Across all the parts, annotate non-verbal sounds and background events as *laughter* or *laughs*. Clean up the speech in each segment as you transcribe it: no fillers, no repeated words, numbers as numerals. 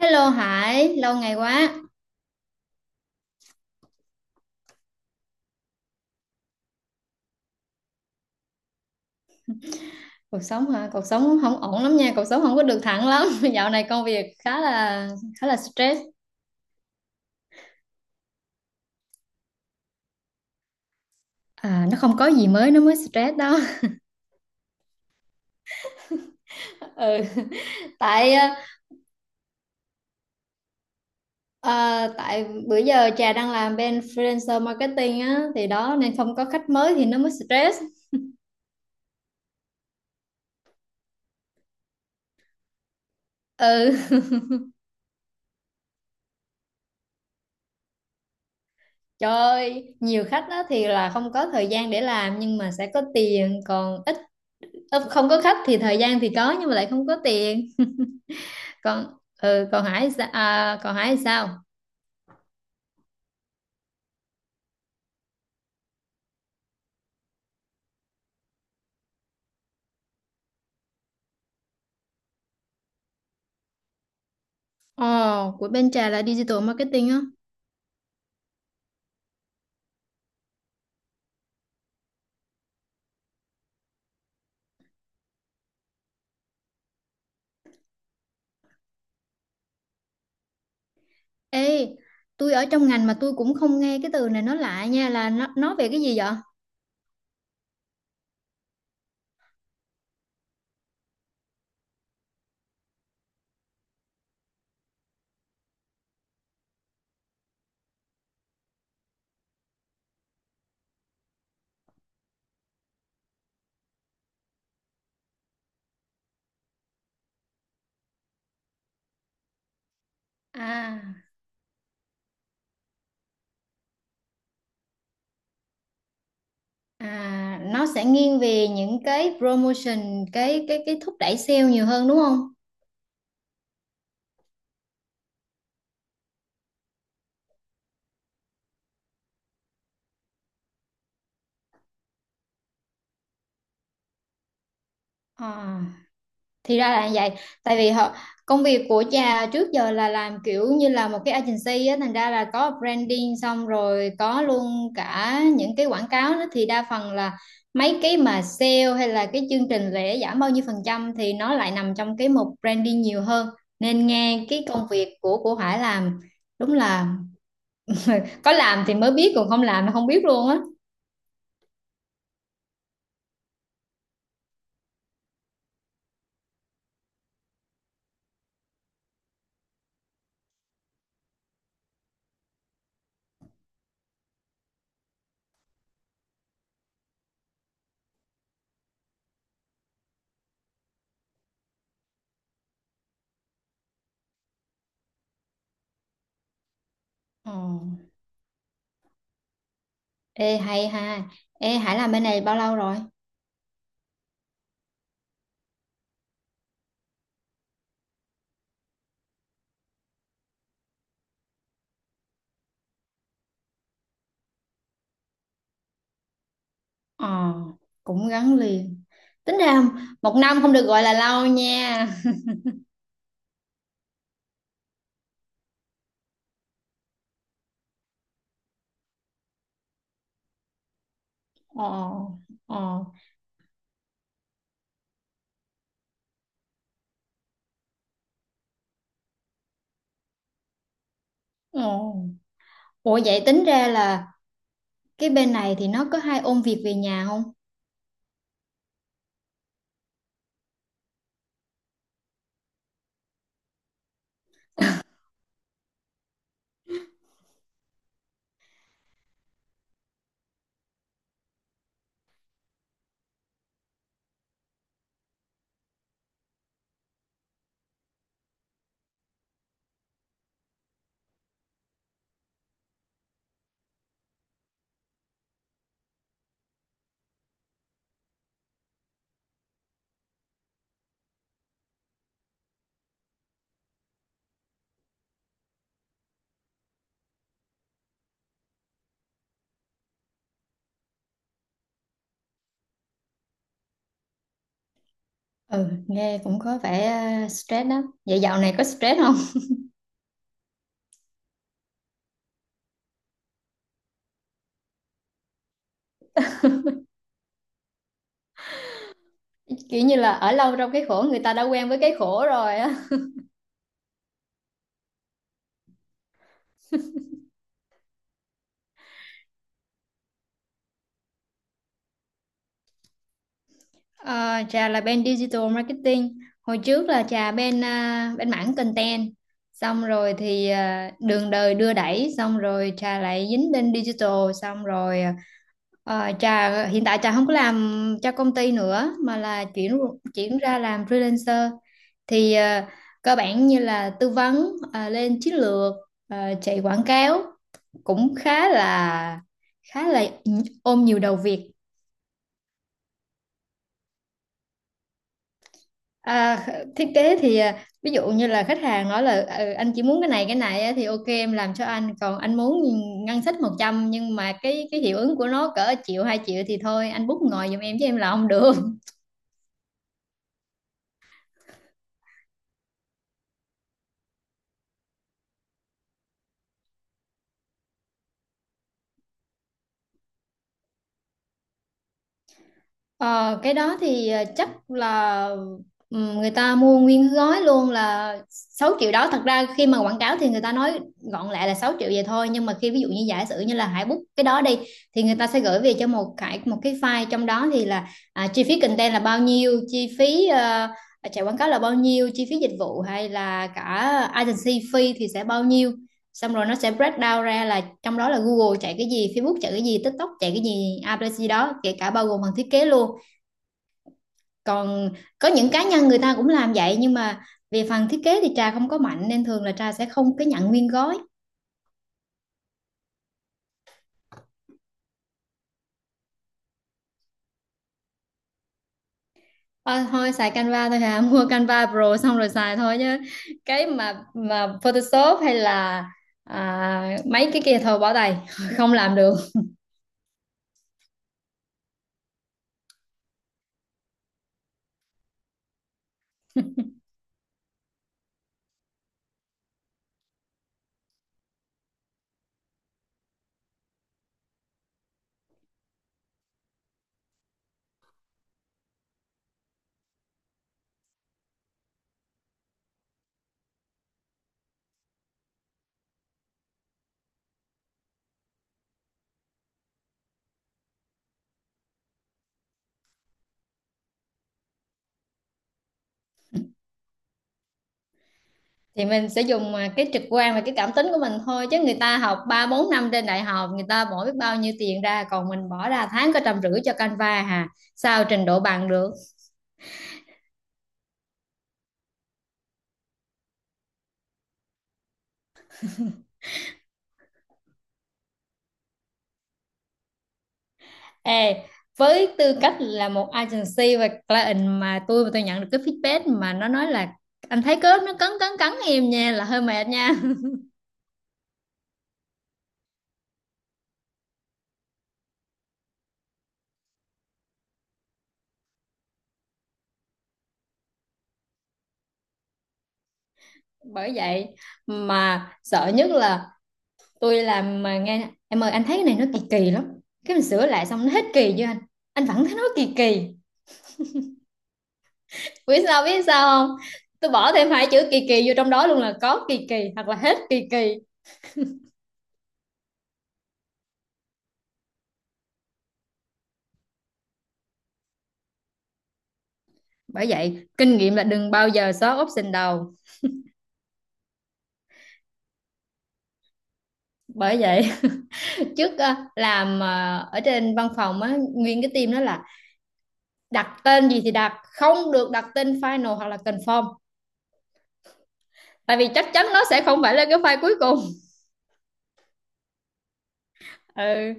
Hello Hải, lâu ngày quá. Cuộc sống hả? Cuộc sống không ổn lắm nha, cuộc sống không có được thẳng lắm. *laughs* Dạo này công việc khá là stress. À, nó không có gì mới nó mới stress đó. *laughs* Ừ. Tại ờ, ờ, tại bữa giờ Trà đang làm bên freelancer marketing á thì đó nên không có khách mới thì nó mới stress. Ừ. *laughs* Trời ơi, nhiều khách á thì là không có thời gian để làm nhưng mà sẽ có tiền, còn không có khách thì thời gian thì có nhưng mà lại không có tiền. Còn ừ, còn Hải sa- à, còn Hải sao? Ồ, của bên Trà là digital marketing á. Ê, tôi ở trong ngành mà tôi cũng không nghe cái từ này nó lạ nha, là nó về cái gì vậy? à à, nó sẽ nghiêng về những cái promotion, cái thúc đẩy sale nhiều hơn đúng không? Ờ, thì ra là như vậy. Tại vì họ, công việc của cha trước giờ là làm kiểu như là một cái agency á, thành ra là có branding xong rồi có luôn cả những cái quảng cáo nữa, thì đa phần là mấy cái mà sale hay là cái chương trình lễ giảm bao nhiêu phần trăm thì nó lại nằm trong cái mục branding nhiều hơn. Nên nghe cái công việc của Hải làm, đúng là có làm thì mới biết, còn không làm thì không biết luôn á. Ồ, ê hay ha. Ê Hải làm bên này bao lâu rồi? Ờ, cũng gắn liền. Tính ra 1 năm không được gọi là lâu nha. Ờ, ờ, ờ. Ủa vậy tính ra là cái bên này thì nó có hay ôn việc về nhà không? Ừ, nghe cũng có vẻ stress đó. Vậy dạo này có stress không? *laughs* Kiểu như là ở lâu trong cái khổ, người ta đã quen với cái khổ rồi á. Ờ, trà là bên digital marketing, hồi trước là trà bên bên mảng content, xong rồi thì đường đời đưa đẩy xong rồi trà lại dính bên digital. Xong rồi trà hiện tại trà không có làm cho công ty nữa mà là chuyển chuyển ra làm freelancer. Thì cơ bản như là tư vấn, lên chiến lược, ờ, chạy quảng cáo, cũng khá là ôm nhiều đầu việc. À, thiết kế thì ví dụ như là khách hàng nói là "Ừ, anh chỉ muốn cái này á", thì ok em làm cho anh, còn anh muốn ngân sách 100 nhưng mà cái hiệu ứng của nó cỡ triệu hai triệu thì thôi anh bút ngồi giùm em chứ em là không được. Ờ, cái đó thì chắc là người ta mua nguyên gói luôn là 6 triệu đó. Thật ra khi mà quảng cáo thì người ta nói gọn lại là 6 triệu vậy thôi, nhưng mà khi ví dụ như giả sử như là Hải book cái đó đi, thì người ta sẽ gửi về cho một cái file, trong đó thì là chi phí content là bao nhiêu, chi phí chạy quảng cáo là bao nhiêu, chi phí dịch vụ hay là cả agency fee thì sẽ bao nhiêu. Xong rồi nó sẽ break down ra là trong đó là Google chạy cái gì, Facebook chạy cái gì, TikTok chạy cái gì, ABC đó, kể cả bao gồm phần thiết kế luôn. Còn có những cá nhân người ta cũng làm vậy, nhưng mà về phần thiết kế thì Trà không có mạnh, nên thường là Trà sẽ không có nhận nguyên gói. Ờ, thôi xài Canva thôi hả. *laughs* Mua Canva Pro xong rồi xài thôi chứ cái mà Photoshop hay là mấy cái kia thôi bỏ tay. *laughs* Không làm được. Thì mình sẽ dùng cái trực quan và cái cảm tính của mình thôi, chứ người ta học ba bốn năm trên đại học, người ta bỏ biết bao nhiêu tiền ra, còn mình bỏ ra tháng có trăm rưỡi cho Canva hà, sao trình độ bằng được. Ê, với tư cách là một agency và client, mà tôi nhận được cái feedback mà nó nói là "Anh thấy cái nó cấn cấn cấn em nha" là hơi mệt nha. *laughs* Bởi vậy mà sợ nhất là tôi làm mà nghe "Em ơi anh thấy cái này nó kỳ kỳ lắm". Cái mình sửa lại xong, "Nó hết kỳ chưa anh?" "Anh vẫn thấy nó kỳ kỳ". Biết sao biết sao không, tôi bỏ thêm hai chữ kỳ kỳ vô trong đó luôn là "có kỳ kỳ" hoặc là "hết kỳ kỳ". Bởi vậy kinh nghiệm là đừng bao giờ xóa option đầu. Bởi vậy trước làm ở trên văn phòng á, nguyên cái team đó là đặt tên gì thì đặt, không được đặt tên final hoặc là confirm, tại vì chắc chắn nó sẽ không phải là cái file cuối cùng. Ừ.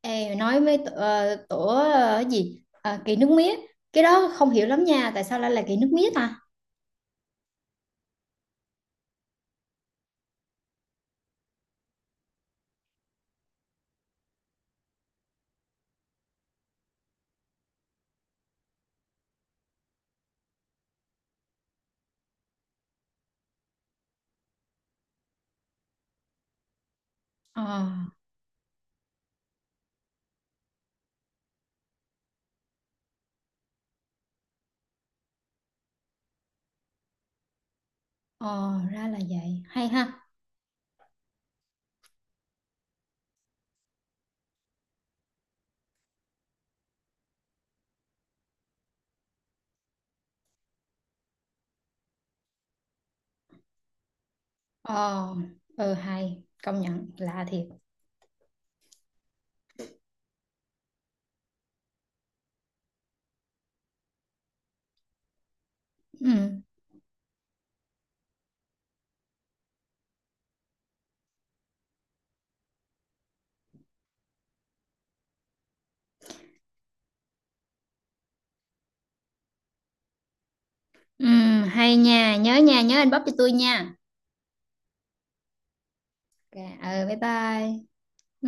Ê, nói với tổ kỳ nước mía, cái đó không hiểu lắm nha, tại sao lại là kỳ nước mía ta. ờ ờ Ra là vậy hay ha. ờ ừ hay, công nhận lạ thiệt. Ừ, ừ hay nha, nhớ nha, nhớ inbox cho tôi nha. Ok, ừ bye bye. Ừ.